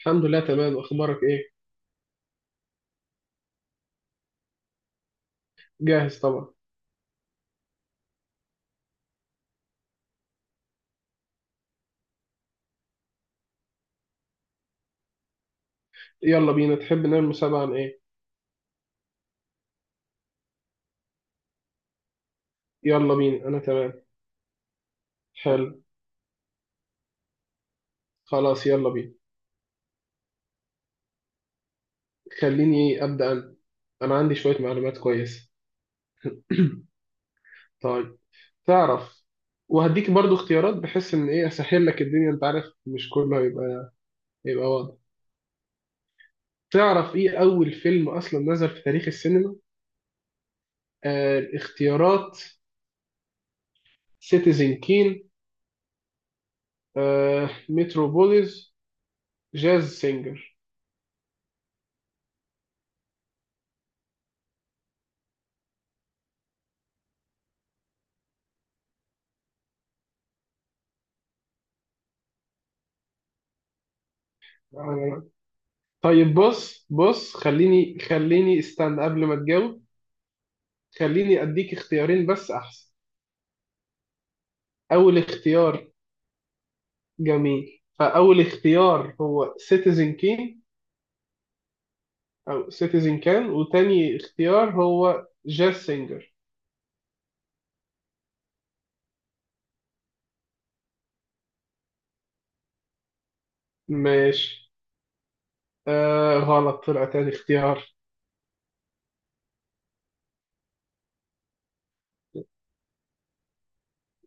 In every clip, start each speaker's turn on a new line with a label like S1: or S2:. S1: الحمد لله، تمام. اخبارك ايه؟ جاهز طبعا. يلا بينا. تحب نعمل مسابقة عن ايه؟ يلا بينا، انا تمام. حلو. خلاص، يلا بينا. خليني ابدا انا. انا عندي شوية معلومات كويسة. طيب، تعرف، وهديك برضو اختيارات بحيث ان ايه اسهل لك الدنيا. انت عارف مش كله هيبقى واضح. تعرف ايه اول فيلم اصلا نزل في تاريخ السينما؟ آه، الاختيارات: سيتيزن كين، آه متروبوليس، جاز سينجر. طيب، بص، خليني استنى قبل ما تجاوب. خليني اديك اختيارين بس احسن. اول اختيار. جميل، فاول اختيار هو سيتيزن كين او سيتيزن كان، وتاني اختيار هو جاز سينجر. ماشي. آه، غلط، طلع تاني اختيار.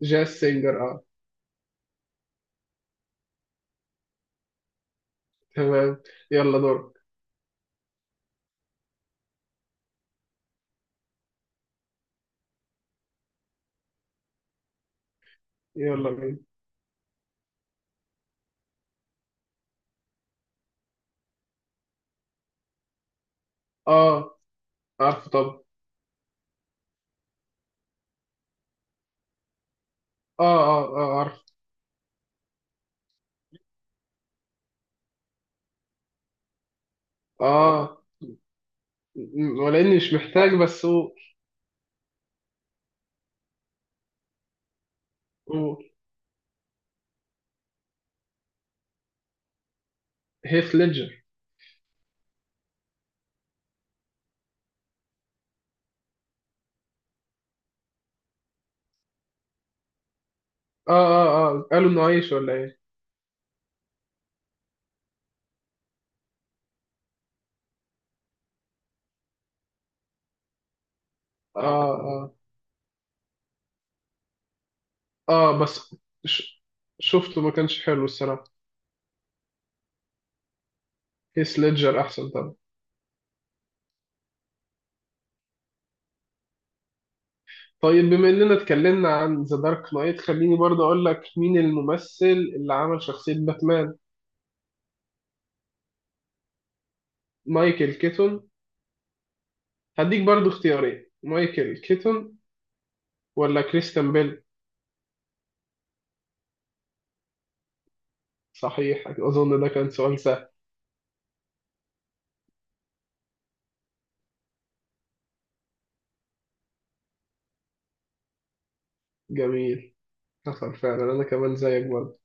S1: جاز سينجر، اه. تمام. يلا، دورك. يلا بينا. اه، عارف. طب، اه، اه، اه، عارف. اه، ولاني مش محتاج، بس قول. قول. هيث ليدجر. اه، اه، اه، قالوا انه عايش ولا ايه؟ اه، اه، اه، اه، بس ش... شفته ما كانش حلو الصراحه. هيث ليدجر احسن طبعا. طيب بما اننا اتكلمنا عن ذا دارك نايت، خليني برضه اقول لك مين الممثل اللي عمل شخصيه باتمان. مايكل كيتون. هديك برضه اختيارين: مايكل كيتون ولا كريستيان بيل؟ صحيح، اظن ده كان سؤال سهل. جميل. حصل فعلا، انا كمان زيك برضه.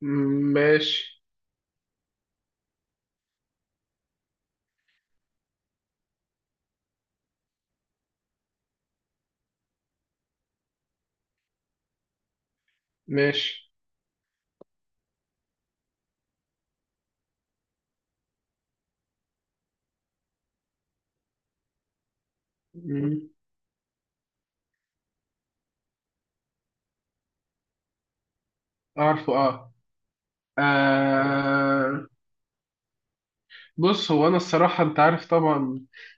S1: مم، ماشي، ماشي. مم. اعرفه، اه. آه، بص هو انا الصراحه انت عارف طبعا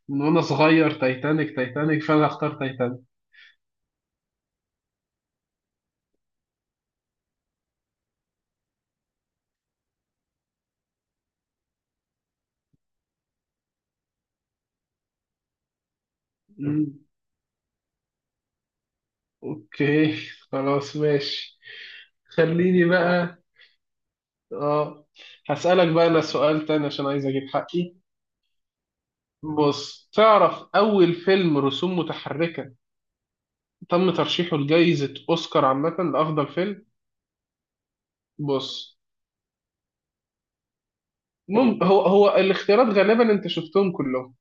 S1: من وانا صغير تايتانيك تايتانيك، فانا هختار تايتانيك. مم. اوكي، خلاص، ماشي. خليني بقى، اه، هسألك بقى انا سؤال تاني عشان عايز اجيب حقي. بص، تعرف اول فيلم رسوم متحركة تم ترشيحه لجائزة اوسكار عامة لافضل فيلم؟ بص، هو الاختيارات غالبا انت شفتهم كلهم.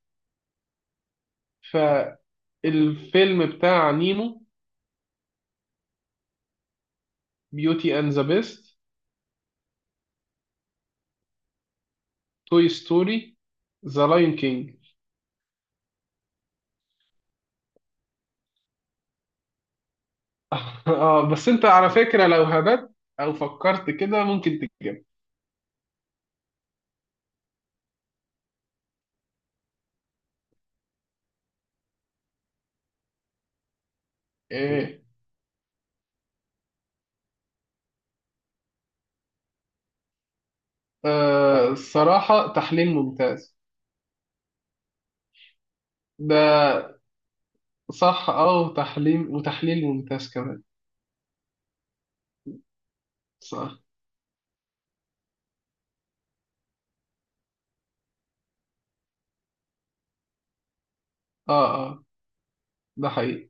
S1: فالفيلم بتاع نيمو، بيوتي اند ذا بيست، توي ستوري، ذا لاين كينج. اه، بس انت على فكرة لو هبت او فكرت كده ممكن تجيب. ايه؟ آه، الصراحة تحليل ممتاز. ده صح، اه، وتحليل ممتاز كمان. صح، اه، اه، ده حقيقي.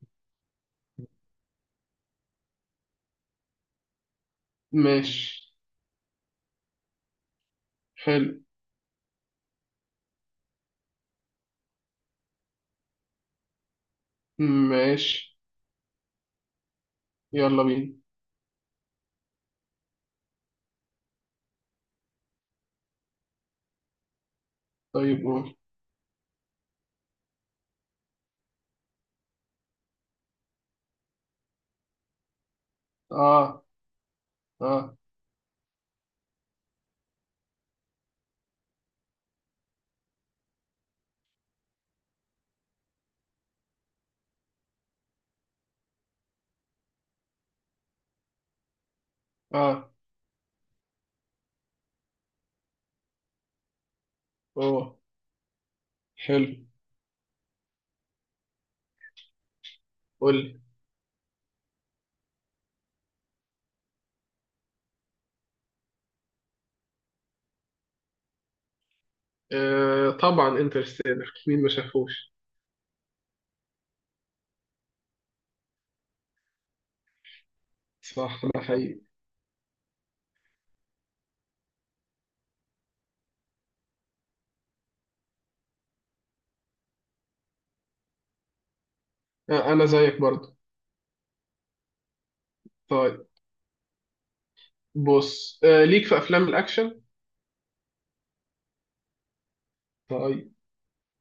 S1: ماشي. حلو. ماشي. يلا بينا. طيب، قول. اه، اه، اه. اوه، حلو. قول. آه طبعا انترستيلر، مين ما شافوش؟ صح، ده حقيقي. آه، انا زيك برضه. طيب، بص، ليك في افلام الاكشن؟ طيب،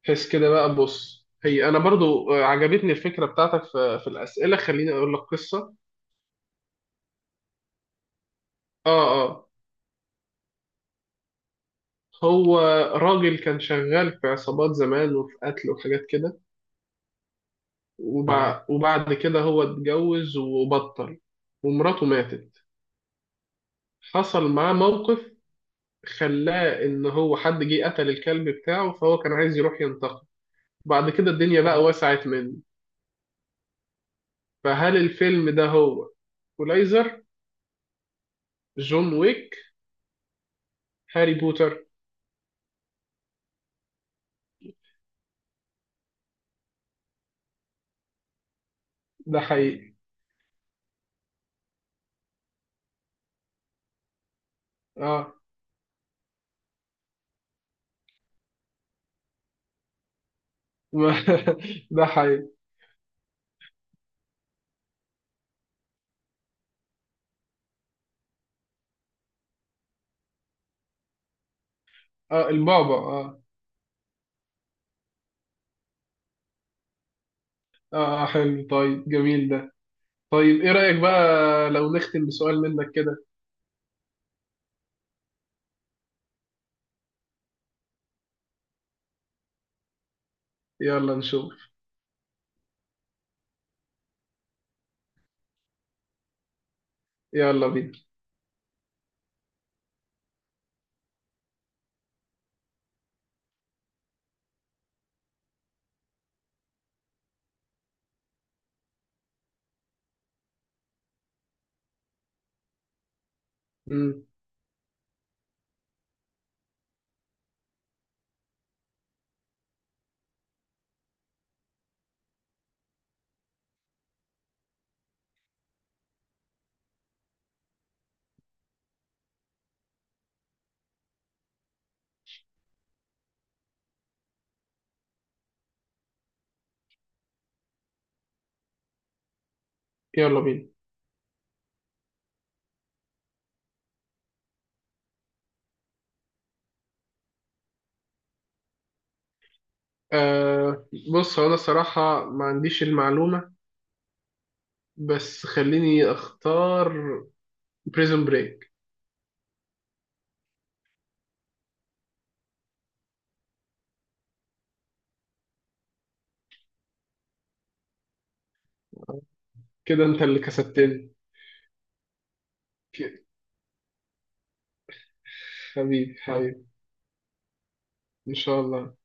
S1: حس كده بقى. بص هي انا برضو عجبتني الفكره بتاعتك في الاسئله، خليني اقول لك قصه. اه، اه. هو راجل كان شغال في عصابات زمان وفي قتل وحاجات كده، اه. وبعد كده هو اتجوز وبطل. ومراته ماتت. حصل معاه موقف خلاه ان هو حد جه قتل الكلب بتاعه، فهو كان عايز يروح ينتقم. بعد كده الدنيا بقى وسعت منه. فهل الفيلم ده هو كولايزر، جون ويك، هاري بوتر؟ ده حقيقي. اه. ما ده حقيقي. اه، البابا، اه. اه. آه، حلو، طيب جميل ده. طيب ايه رأيك بقى لو نختم بسؤال منك كده؟ يلا نشوف. يلا بينا. مم. يلا بينا. آه، بص هو انا الصراحة ما عنديش المعلومة، بس خليني اختار بريزون بريك. كده انت اللي كسبتني. ك- حبيبي، حبيبي، ان شاء الله.